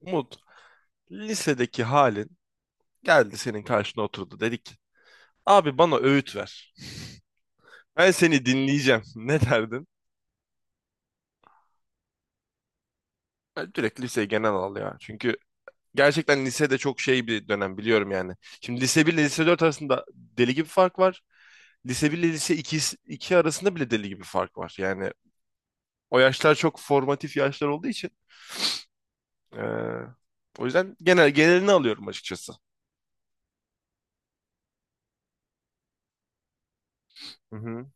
Umut, lisedeki halin geldi senin karşına oturdu. Dedik ki, abi bana öğüt ver. Ben seni dinleyeceğim. Ne derdin? Ben direkt liseyi genel al ya. Çünkü gerçekten lisede çok şey bir dönem biliyorum yani. Şimdi lise 1 ile lise 4 arasında deli gibi fark var. Lise 1 ile lise 2 2 arasında bile deli gibi fark var. Yani o yaşlar çok formatif yaşlar olduğu için. eee, o yüzden genel genelini alıyorum açıkçası. Hı hı.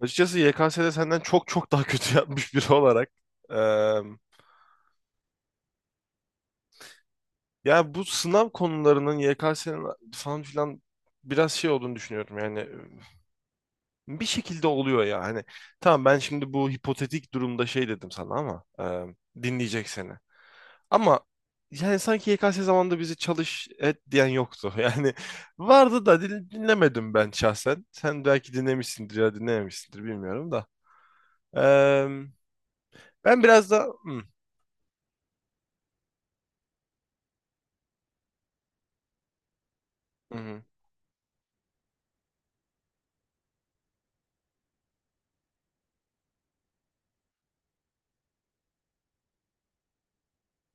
Açıkçası YKS'de senden çok çok daha kötü yapmış biri olarak. Ya bu sınav konularının YKS'nin falan filan biraz şey olduğunu düşünüyorum yani bir şekilde oluyor ya hani tamam ben şimdi bu hipotetik durumda şey dedim sana ama dinleyecek seni, ama yani sanki YKS zamanında bizi çalış et diyen yoktu, yani vardı da dinlemedim ben şahsen. Sen belki dinlemişsindir ya dinlememişsindir, bilmiyorum da. E, ben biraz da hı, hı,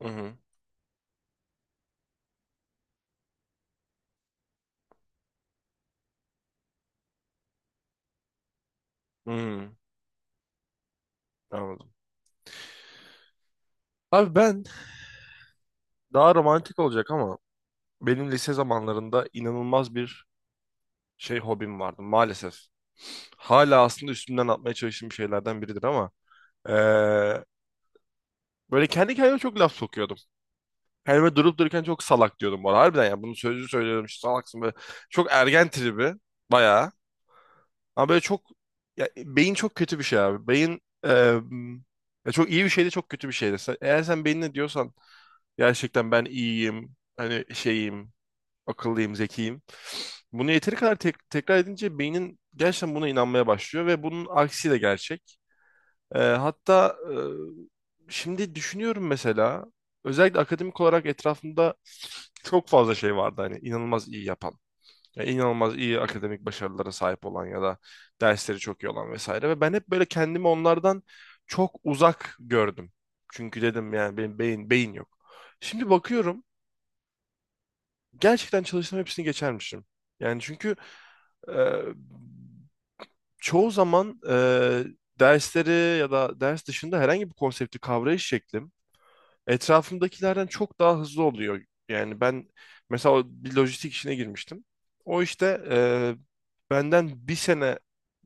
hı, hı, hı. Anladım abi, ben daha romantik olacak ama benim lise zamanlarında inanılmaz bir şey hobim vardı maalesef. Hala aslında üstümden atmaya çalıştığım şeylerden biridir ama eee, böyle kendi kendime çok laf sokuyordum. Kendime durup dururken çok salak diyordum bu arada. Harbiden yani, bunu sözlü söylüyorum işte, salaksın böyle. Çok ergen tribi bayağı. Ama böyle çok ya, beyin çok kötü bir şey abi. Beyin, ya çok iyi bir şey de, çok kötü bir şey de. Eğer sen beynine diyorsan gerçekten ben iyiyim, hani şeyim, akıllıyım, zekiyim. Bunu yeteri kadar tekrar edince beynin gerçekten buna inanmaya başlıyor, ve bunun aksi de gerçek. Hatta şimdi düşünüyorum mesela, özellikle akademik olarak etrafımda çok fazla şey vardı, hani inanılmaz iyi yapan. Yani inanılmaz iyi akademik başarılara sahip olan ya da dersleri çok iyi olan vesaire, ve ben hep böyle kendimi onlardan çok uzak gördüm. Çünkü dedim yani benim beyin beyin yok. Şimdi bakıyorum, gerçekten çalışsam hepsini geçermişim. Yani çünkü e, çoğu zaman dersleri ya da ders dışında herhangi bir konsepti kavrayış şeklim etrafımdakilerden çok daha hızlı oluyor. Yani ben mesela o bir lojistik işine girmiştim. O işte benden bir sene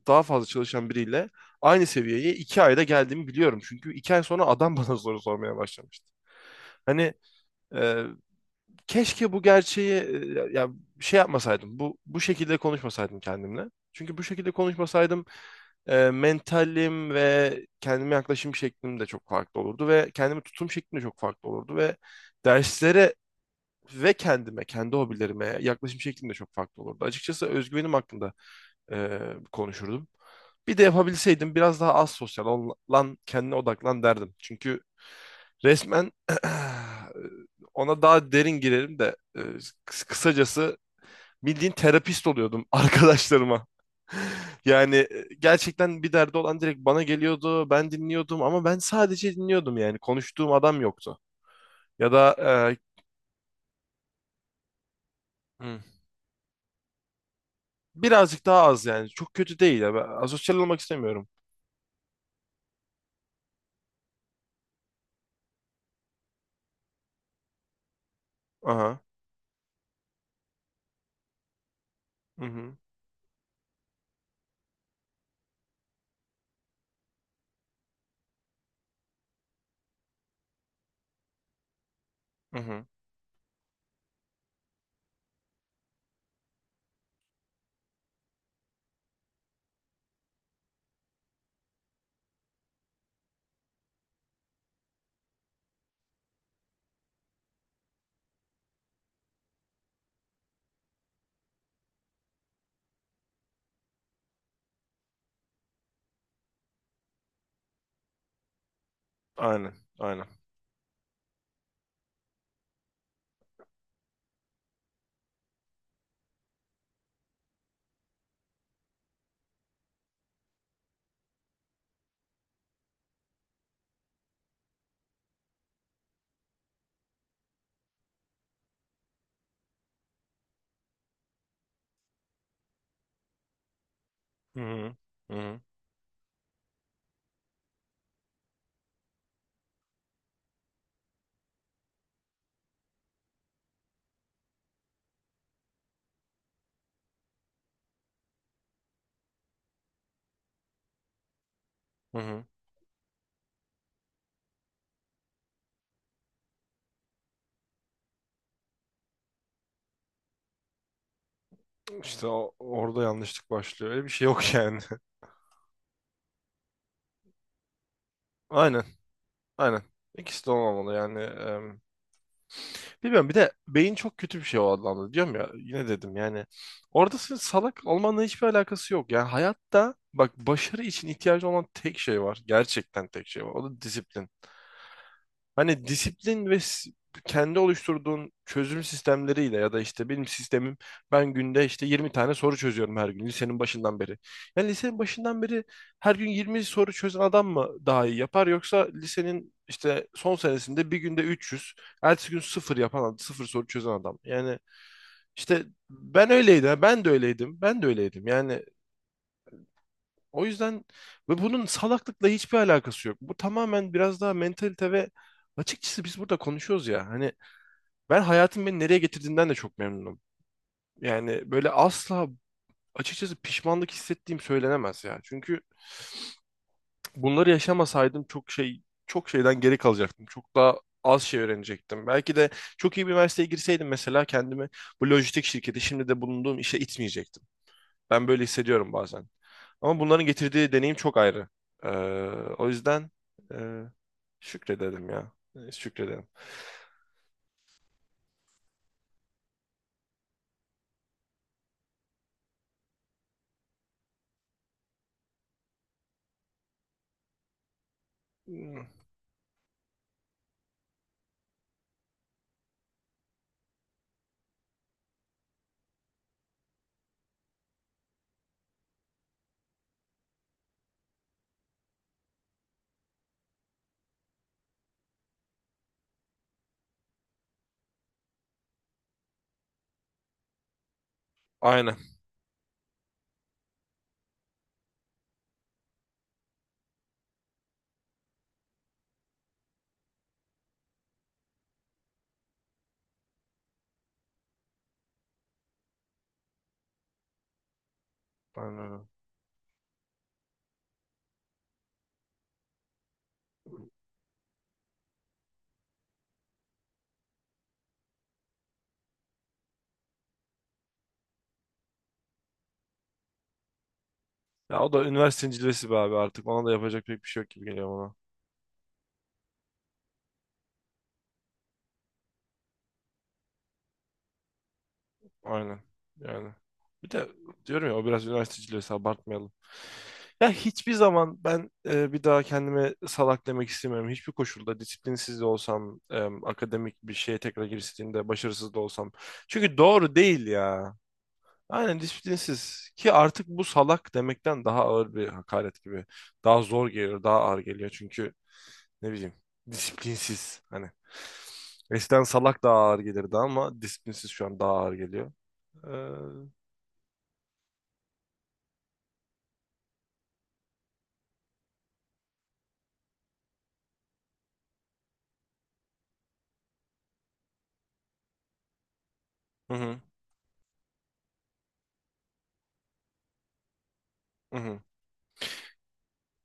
daha fazla çalışan biriyle aynı seviyeye iki ayda geldiğimi biliyorum. Çünkü iki ay sonra adam bana soru sormaya başlamıştı. Hani e, Keşke bu gerçeği, ya, şey yapmasaydım. Bu şekilde konuşmasaydım kendimle. Çünkü bu şekilde konuşmasaydım mentalim ve kendime yaklaşım şeklim de çok farklı olurdu, ve kendime tutum şeklim de çok farklı olurdu, ve derslere ve kendime, kendi hobilerime yaklaşım şeklim de çok farklı olurdu. Açıkçası özgüvenim hakkında e, konuşurdum. Bir de yapabilseydim biraz daha az sosyal lan kendine odaklan derdim. Çünkü resmen ona daha derin girerim de, kısacası bildiğin terapist oluyordum arkadaşlarıma. Yani gerçekten bir derdi olan direkt bana geliyordu. Ben dinliyordum, ama ben sadece dinliyordum yani. Konuştuğum adam yoktu. Ya da e, hı, birazcık daha az yani. Çok kötü değil ya. Ben asosyal olmak istemiyorum. Aha. Hı hı. Hı hı. Aynen. Aynen. Hı hı. Hı hı. Hı hı. İşte orada yanlışlık başlıyor. Öyle bir şey yok yani. Aynen. Aynen. İkisi de olmamalı yani. Bilmiyorum. Bir de beyin çok kötü bir şey o anlamda. Diyorum ya, yine dedim yani. Orada senin salak olmanla hiçbir alakası yok. Yani hayatta bak, başarı için ihtiyacı olan tek şey var. Gerçekten tek şey var. O da disiplin. Hani disiplin ve kendi oluşturduğun çözüm sistemleriyle, ya da işte benim sistemim, ben günde işte 20 tane soru çözüyorum her gün, lisenin başından beri. Yani lisenin başından beri her gün 20 soru çözen adam mı daha iyi yapar, yoksa lisenin işte son senesinde bir günde 300, ertesi gün sıfır yapan, sıfır soru çözen adam? Yani işte ben öyleydim, ben de öyleydim, ben de öyleydim. Yani o yüzden, ve bunun salaklıkla hiçbir alakası yok. Bu tamamen biraz daha mentalite ve açıkçası biz burada konuşuyoruz ya. Hani ben hayatın beni nereye getirdiğinden de çok memnunum. Yani böyle asla, açıkçası pişmanlık hissettiğim söylenemez ya. Çünkü bunları yaşamasaydım çok şey, çok şeyden geri kalacaktım. Çok daha az şey öğrenecektim. Belki de çok iyi bir üniversiteye girseydim mesela, kendimi bu lojistik şirketi, şimdi de bulunduğum işe itmeyecektim. Ben böyle hissediyorum bazen. Ama bunların getirdiği deneyim çok ayrı. Ee, o yüzden e, şükredelim ya. Şükredelim. Hmm, aynen. Aynen. Öyle. Ya o da üniversitenin cilvesi be abi, artık. Ona da yapacak pek bir şey yok gibi geliyor bana. Aynen. Yani. Bir de diyorum ya, o biraz üniversite cilvesi, abartmayalım. Ya hiçbir zaman ben bir daha kendime salak demek istemiyorum. Hiçbir koşulda, disiplinsiz de olsam, akademik bir şeye tekrar giriştiğimde başarısız da olsam. Çünkü doğru değil ya. Aynen, disiplinsiz ki artık bu salak demekten daha ağır bir hakaret gibi. Daha zor geliyor, daha ağır geliyor, çünkü ne bileyim, disiplinsiz hani. Eskiden salak daha ağır gelirdi ama disiplinsiz şu an daha ağır geliyor. Hı hı, hı hı.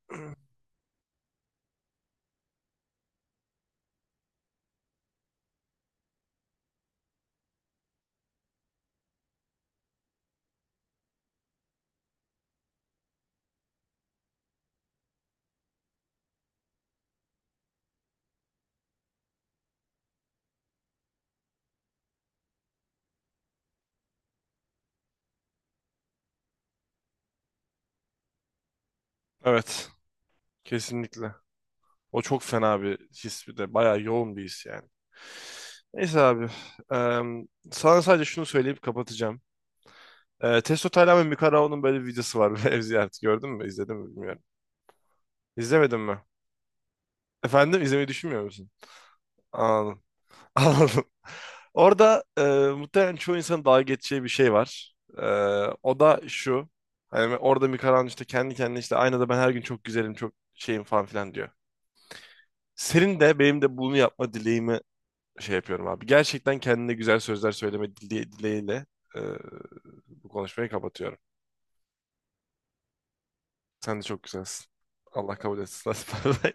Evet, kesinlikle. O çok fena bir his, bir de bayağı yoğun bir his yani. Neyse abi. eee, Sana sadece şunu söyleyip kapatacağım. Testo Taylan ve Mikarao'nun böyle bir videosu var. Ev ziyareti, gördün mü? İzledin mi bilmiyorum. İzlemedin mi? Efendim, izlemeyi düşünmüyor musun? Anladım. Anladım. Orada muhtemelen çoğu insanın dalga geçeceği bir şey var. O da şu. Hani orada Mikaran işte kendi kendine, işte aynada, "Ben her gün çok güzelim, çok şeyim," falan filan diyor. Senin de benim de bunu yapma dileğimi şey yapıyorum abi. Gerçekten kendine güzel sözler söyleme dileğiyle e, bu konuşmayı kapatıyorum. Sen de çok güzelsin. Allah kabul etsin. Bye bye.